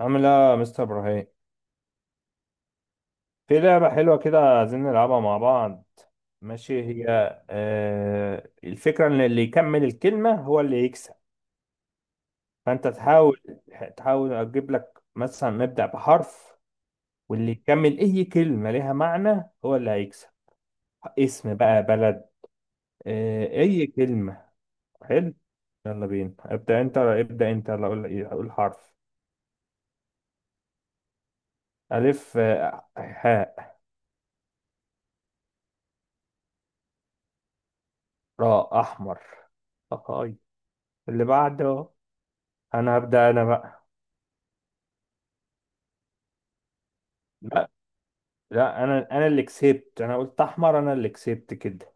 عامل ايه يا مستر ابراهيم؟ في لعبة حلوة كده عايزين نلعبها مع بعض. ماشي، هي الفكرة ان اللي يكمل الكلمة هو اللي يكسب. فانت تحاول، اجيب لك مثلا نبدأ بحرف واللي يكمل اي كلمة ليها معنى هو اللي هيكسب. اسم بقى بلد؟ آه، اي كلمة. حلو، يلا بينا. ابدأ انت، ابدأ انت، يلا اقول، حرف. الف آه، حاء، راء، احمر. أهاي. اللي بعده، انا هبدأ انا بقى. لا، لا، انا اللي كسبت، انا قلت احمر، انا اللي كسبت كده.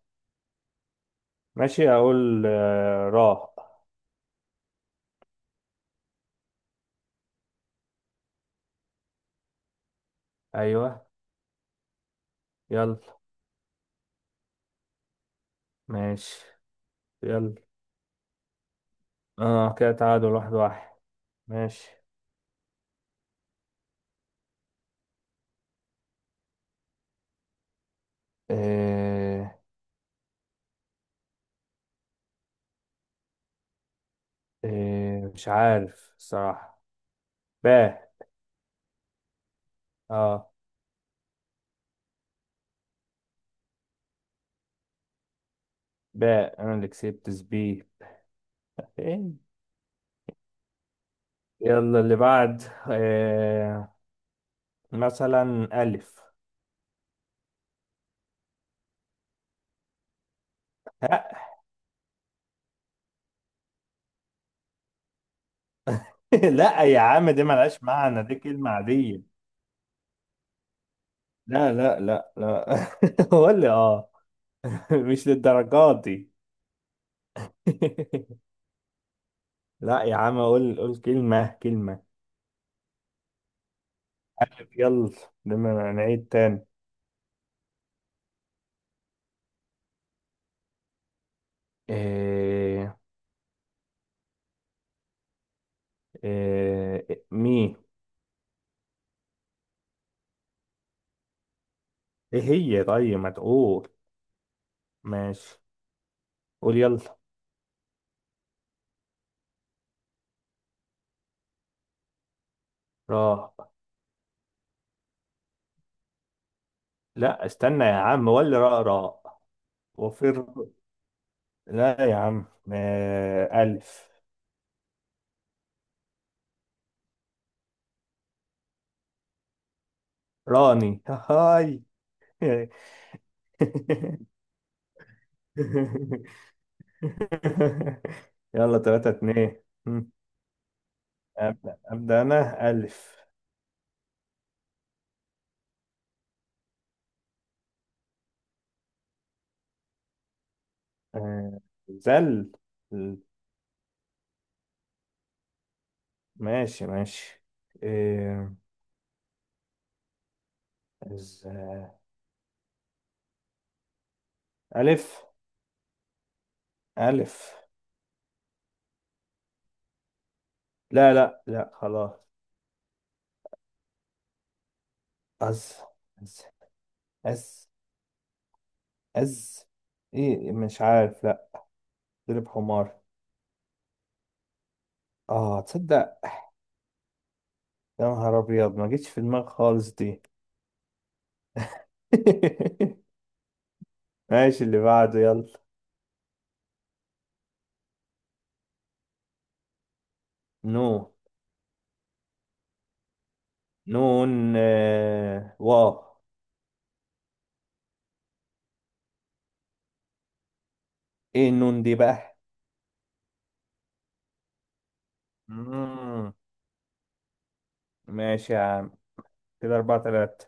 ماشي، اقول آه، راء. ايوه يلا. ماشي، يلا. اه كده تعادل واحد واحد. ماشي. آه، آه، مش عارف صراحة. باء. اه، باء، انا اللي كسبت سبي. إيه؟ يلا اللي بعد. آه، مثلا الف. ها. لا يا عم، دي ملهاش معنى، دي كلمة عادية. لا لا لا لا. قول لي اه. مش للدرجات دي. لا يا عم، قول، كلمة، يلا. لما نعيد تاني. إيه؟ إيه مي؟ ايه هي؟ طيب ما تقول. ماشي قول يلا. راء؟ لا استنى يا عم، ولا راء راء؟ وفر. لا يا عم. آه، ألف. راني، هاي. يلا، تلاتة اتنين. مم. أبدأ، أنا ألف. آه، زل. ماشي، ماشي. إيه، ز... ألف، ألف لا لا لا خلاص. أز، أز، أز، أز. إيه مش عارف، لا. ضرب حمار. آه، تصدق، يا نهار أبيض، ما جتش في دماغي خالص دي. ماشي، اللي بعده يلا. نو نون آه، واو. ايه النون دي بقى؟ مم. ماشي يا عم. كده أربعة تلاتة.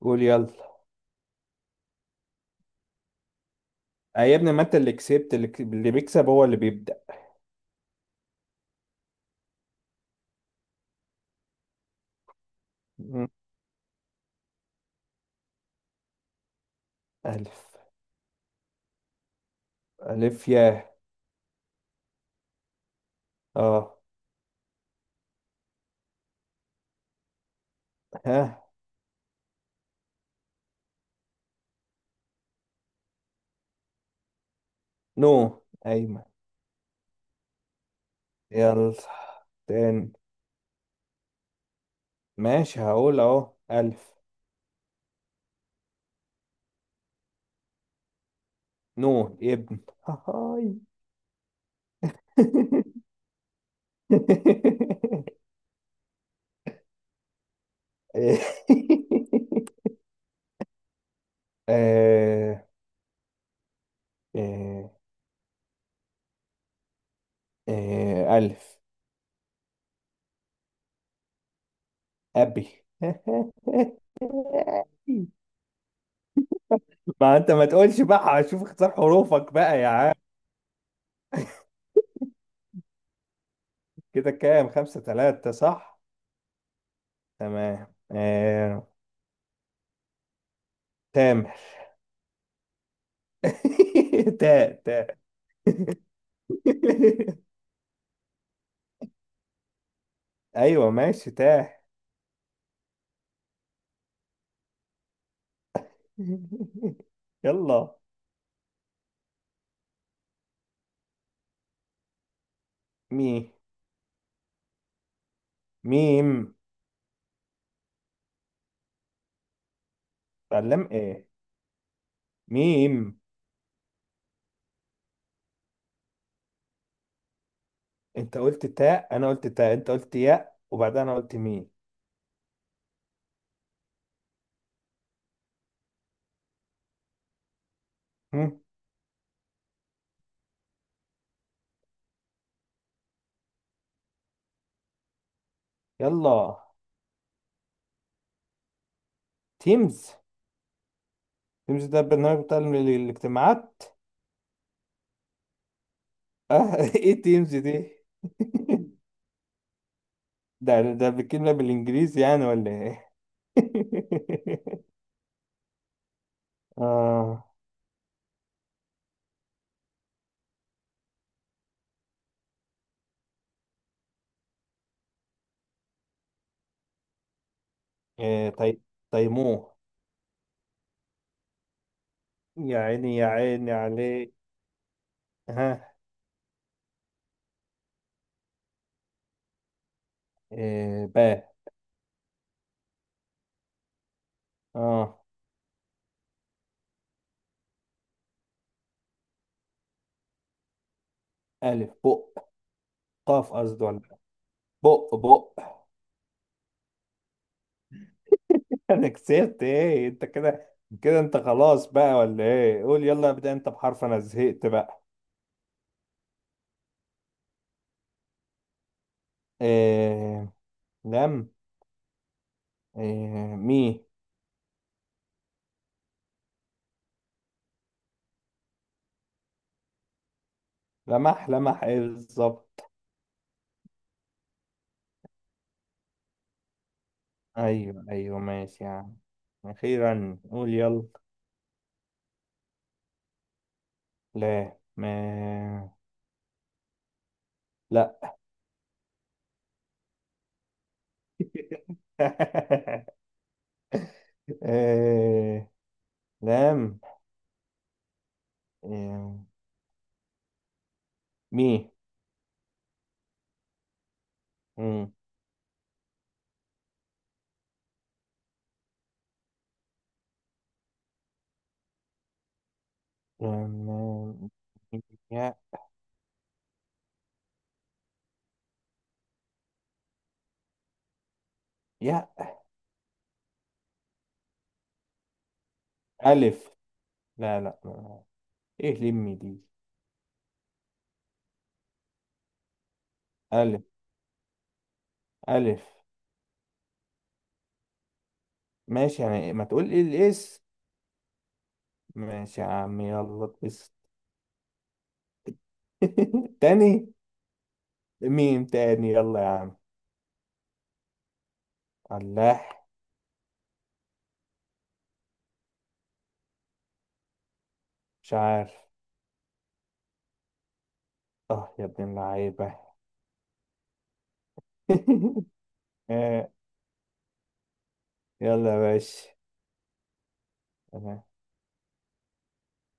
قول يلا. آه يا ابني، ما انت اللي كسبت، اللي بيكسب هو اللي بيبدأ. مم. ألف. ألف يا. اه. ها. أيمن. يلا تاني. ماشي، هقول أهو ألف. ابن، هاي. آه، آه، ألف أبي. ما انت ما تقولش بقى، هشوف اختار حروفك بقى يا عم. كده كام، خمسة ثلاثة صح؟ تمام آه... تام. تاء، ايوه ماشي، تاء. يلا. مي. ميم. علم ايه؟ ميم. انت قلت تاء، انا قلت تاء، انت قلت ياء، وبعدها انا قلت ميم. هم، يلا. تيمز. تيمز ده البرنامج بتاع الاجتماعات. اه. ايه تيمز دي؟ ده بتكلمنا بالانجليزي يعني ولا ايه؟ اه. إيه تيموه. يا عيني، يا عيني عليه. ها. إيه، باء. اه. الف قاف قصدي، ولا بق، انا كسبت ايه انت كده؟ كده انت خلاص بقى ولا ايه؟ قول يلا، ابدا انت بحرف، انا زهقت بقى. إيه؟ لم؟ إيه مي؟ لمح. لمح ايه بالظبط؟ ايوه ايوه ماشي يا عم. اخيرا، قول يلا. لا ما. لا. آه، لام. آه، مي. مم. لام. يا. يا. ألف. لا لا إيه لمي دي؟ ألف، ألف ماشي، يعني ما تقول إيه الإس. ماشي يا عم، يلا بس. تاني. ميم تاني، يلا يا عم. الله، مش عارف. اه يا ابن اللعيبة. آه، يلا يا باشا.